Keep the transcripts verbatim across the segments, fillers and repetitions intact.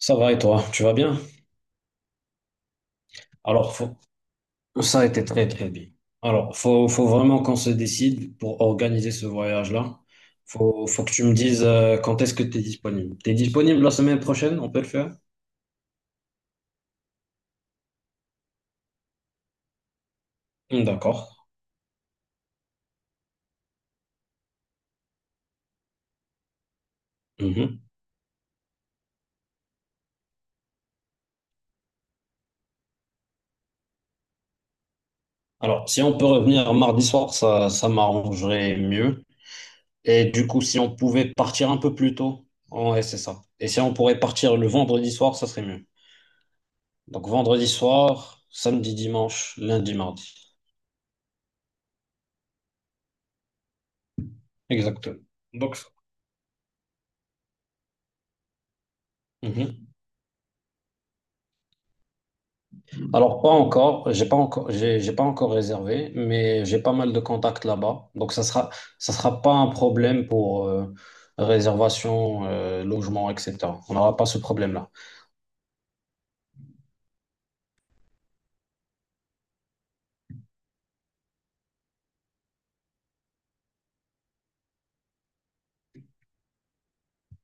Ça va et toi, tu vas bien? Alors, faut- Ça a été très très bien. Alors, faut, faut vraiment qu'on se décide pour organiser ce voyage-là. Faut, faut que tu me dises euh, quand est-ce que tu es disponible. Tu es disponible la semaine prochaine, on peut le faire? Hmm, d'accord. Mhm. Alors, si on peut revenir mardi soir, ça, ça m'arrangerait mieux. Et du coup, si on pouvait partir un peu plus tôt, ouais, c'est ça. Et si on pourrait partir le vendredi soir, ça serait mieux. Donc, vendredi soir, samedi, dimanche, lundi, mardi. Exactement. Donc, ça. Alors, pas encore, j'ai pas encore, j'ai j'ai pas encore réservé, mais j'ai pas mal de contacts là-bas. Donc, ça sera, ça sera pas un problème pour euh, réservation, euh, logement, et cetera. On n'aura pas ce problème-là.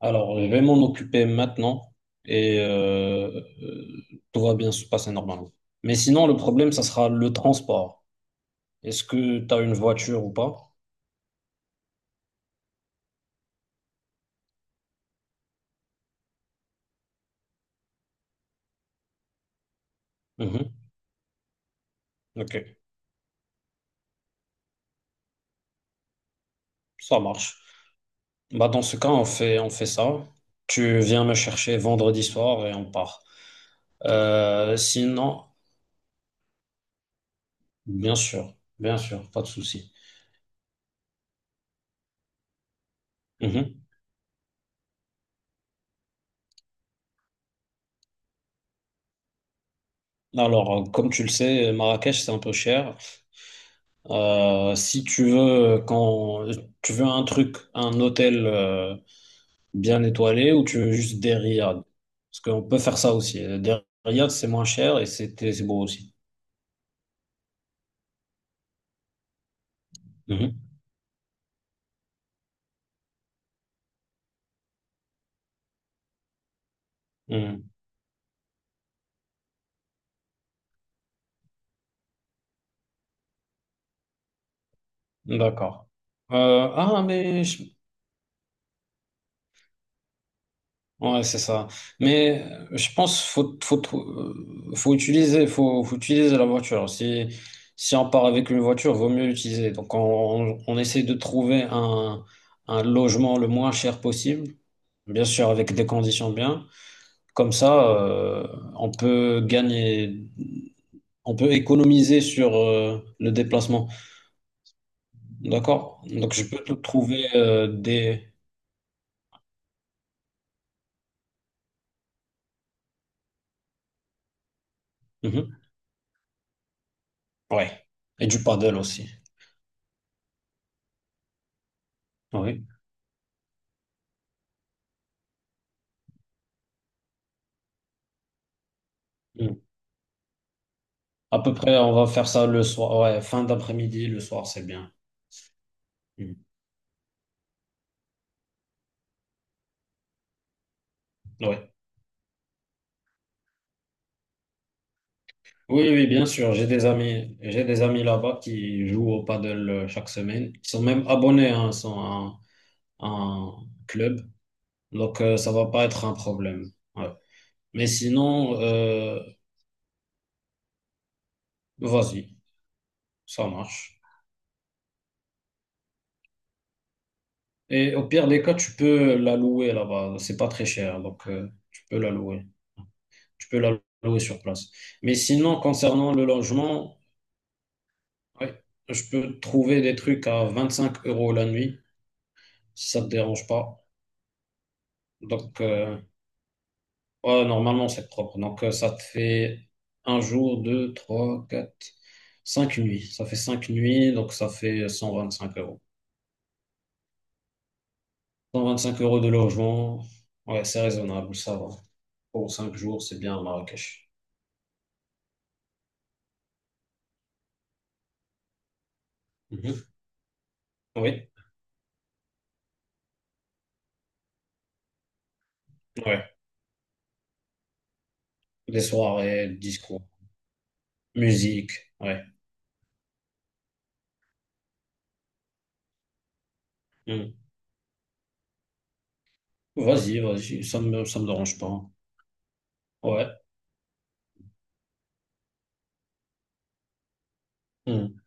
Alors, je vais m'en occuper maintenant et euh, euh, tout va bien se passer normalement. Mais sinon, le problème, ça sera le transport. Est-ce que tu as une voiture ou pas? Mhm. Ok, ça marche. Bah, dans ce cas, on fait, on fait ça. Tu viens me chercher vendredi soir et on part. Euh, sinon, bien sûr, bien sûr, pas de souci. Mhm. Alors, euh, comme tu le sais, Marrakech, c'est un peu cher. Euh, si tu veux, quand tu veux un truc, un hôtel euh, bien étoilé, ou tu veux juste des riads, parce qu'on peut faire ça aussi. Des riads, c'est moins cher et c'est c'est beau aussi. Mhm. Mhm. D'accord. Euh, ah, mais je ouais, c'est ça. Mais euh, je pense faut faut trou- euh, faut utiliser faut, faut utiliser la voiture. Si si on part avec une voiture, vaut mieux l'utiliser. Donc on, on, on essaie de trouver un un logement le moins cher possible, bien sûr avec des conditions bien. Comme ça, euh, on peut gagner, on peut économiser sur euh, le déplacement. D'accord? Donc je peux te trouver euh, des mhm. Ouais. Et du paddle aussi. Oui. À peu près, on va faire ça le soir. Ouais, fin d'après-midi, le soir, c'est bien. Mm. Ouais. Oui, oui, bien sûr. J'ai des amis, j'ai des amis là-bas qui jouent au paddle euh, chaque semaine. Ils sont même abonnés, hein, ils sont un, un club. Donc, euh, ça va pas être un problème. Ouais. Mais sinon, euh, vas-y, ça marche. Et au pire des cas, tu peux la louer là-bas. C'est pas très cher, donc euh, tu peux la louer. Tu peux la louer sur place. Mais sinon, concernant le logement, ouais. Je peux trouver des trucs à vingt-cinq euros la nuit, si ça te dérange pas. Donc, euh, ouais, normalement, c'est propre. Donc, euh, ça te fait un jour, deux, trois, quatre, cinq nuits. Ça fait cinq nuits, donc ça fait cent vingt-cinq euros. Cent vingt-cinq euros de logement, ouais, c'est raisonnable, ça va. Pour cinq jours, c'est bien à Marrakech. Mhm. Oui, ouais. Des soirées, discours, musique, ouais. Mhm. Vas-y, vas-y, ça me, ça me dérange pas. Ouais. Mhm.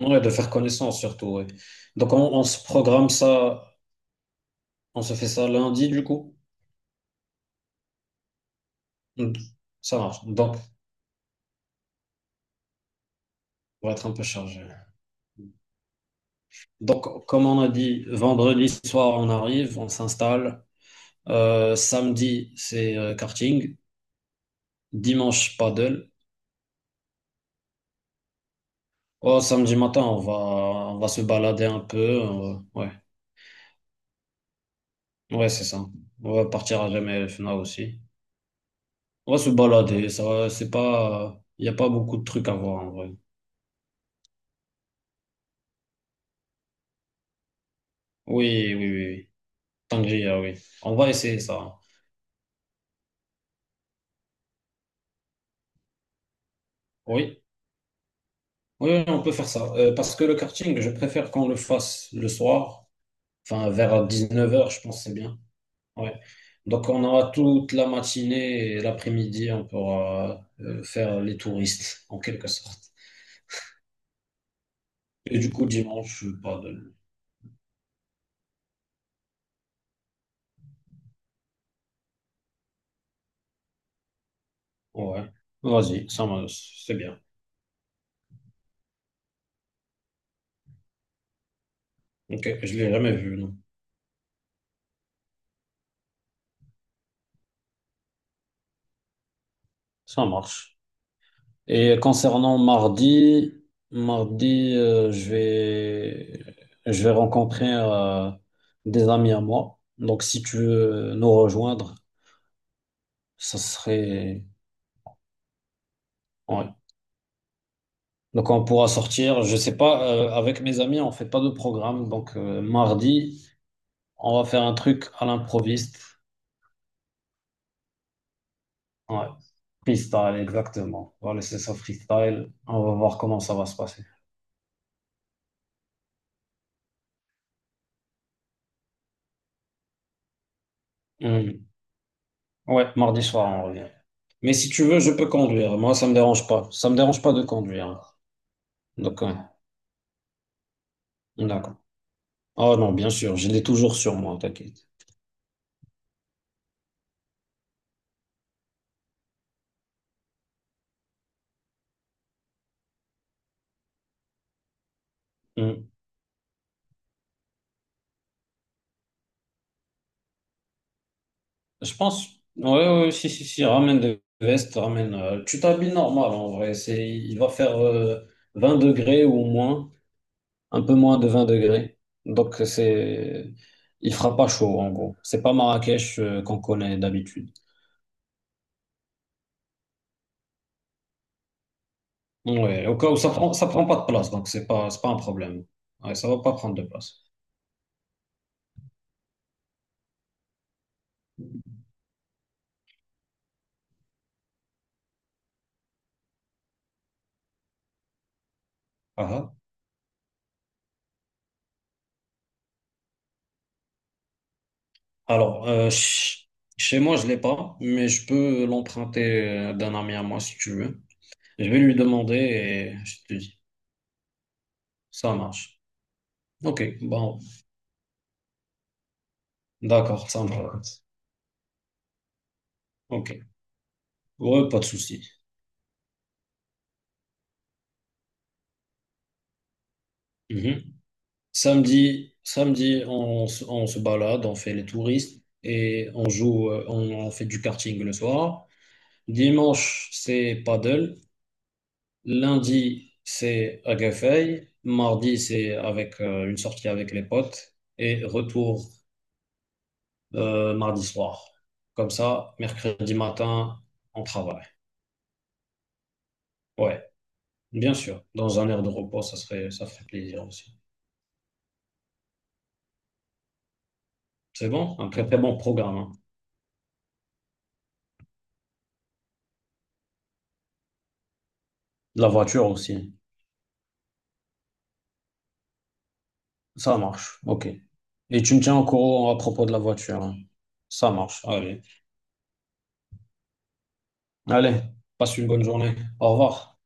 Ouais, de faire connaissance surtout, ouais. Donc on, on se programme ça, on se fait ça lundi du coup. Mm. Ça marche. Donc, on va être un peu chargé. Donc, comme on a dit, vendredi soir, on arrive, on s'installe. Euh, samedi, c'est euh, karting. Dimanche, paddle. Oh, samedi matin, on va, on va se balader un peu. On ouais, ouais, c'est ça. On va partir à jamais F N A aussi. On va se balader. Ça, va- c'est pas, il n'y a pas beaucoup de trucs à voir en vrai. Oui, oui, oui, oui. Sangria, oui. On va essayer ça. Oui, oui, oui, on peut faire ça. Euh, parce que le karting, je préfère qu'on le fasse le soir, enfin vers dix-neuf heures, je pense que c'est bien. Ouais. Donc on aura toute la matinée et l'après-midi, on pourra euh, faire les touristes, en quelque sorte. Et du coup, dimanche, pas de… Ouais. Vas-y, ça, me- c'est bien. Ok, je l'ai jamais vu, non. Ça marche. Et concernant mardi, mardi, euh, je vais, je vais rencontrer euh, des amis à moi. Donc, si tu veux nous rejoindre, ça serait, ouais. Donc, on pourra sortir. Je sais pas, euh, avec mes amis, on fait pas de programme. Donc, euh, mardi, on va faire un truc à l'improviste. Ouais. Freestyle, exactement. On va laisser ça freestyle. On va voir comment ça va se passer. Hum. Ouais, mardi soir, on revient. Mais si tu veux, je peux conduire. Moi, ça me dérange pas. Ça me dérange pas de conduire. Donc, ouais. D'accord. Oh non, bien sûr, je l'ai toujours sur moi, t'inquiète. Hmm. Je pense. Ouais, ouais, si, si, si, ramène des vestes, ramène. euh, Tu t'habilles normal en vrai. C'est, il va faire euh, vingt degrés ou moins, un peu moins de vingt degrés. Donc, c'est. Il fera pas chaud en gros. C'est pas Marrakech euh, qu'on connaît d'habitude. Ouais, au cas où ça prend, ça prend pas de place, donc c'est pas, c'est pas un problème. Ouais, ça va pas prendre de place. Ah, ah. Alors, euh, ch- chez moi, je l'ai pas, mais je peux l'emprunter euh, d'un ami à moi si tu veux. Je vais lui demander et je te dis, ça marche. Ok, bon, d'accord, ça marche. Ok, ouais, pas de souci. Mhm. Samedi, samedi, on, se on se balade, on fait les touristes et on joue, euh, on, on fait du karting le soir. Dimanche, c'est paddle. Lundi, c'est à Guéfeil. Mardi, c'est avec euh, une sortie avec les potes. Et retour euh, mardi soir. Comme ça, mercredi matin, on travaille. Ouais, bien sûr. Dans un air de repos, ça serait, ça ferait plaisir aussi. C'est bon? Un très très bon programme, hein. La voiture aussi. Ça marche. OK. Et tu me tiens au courant à propos de la voiture, hein. Ça marche. Allez. Allez, passe une bonne journée. Au revoir.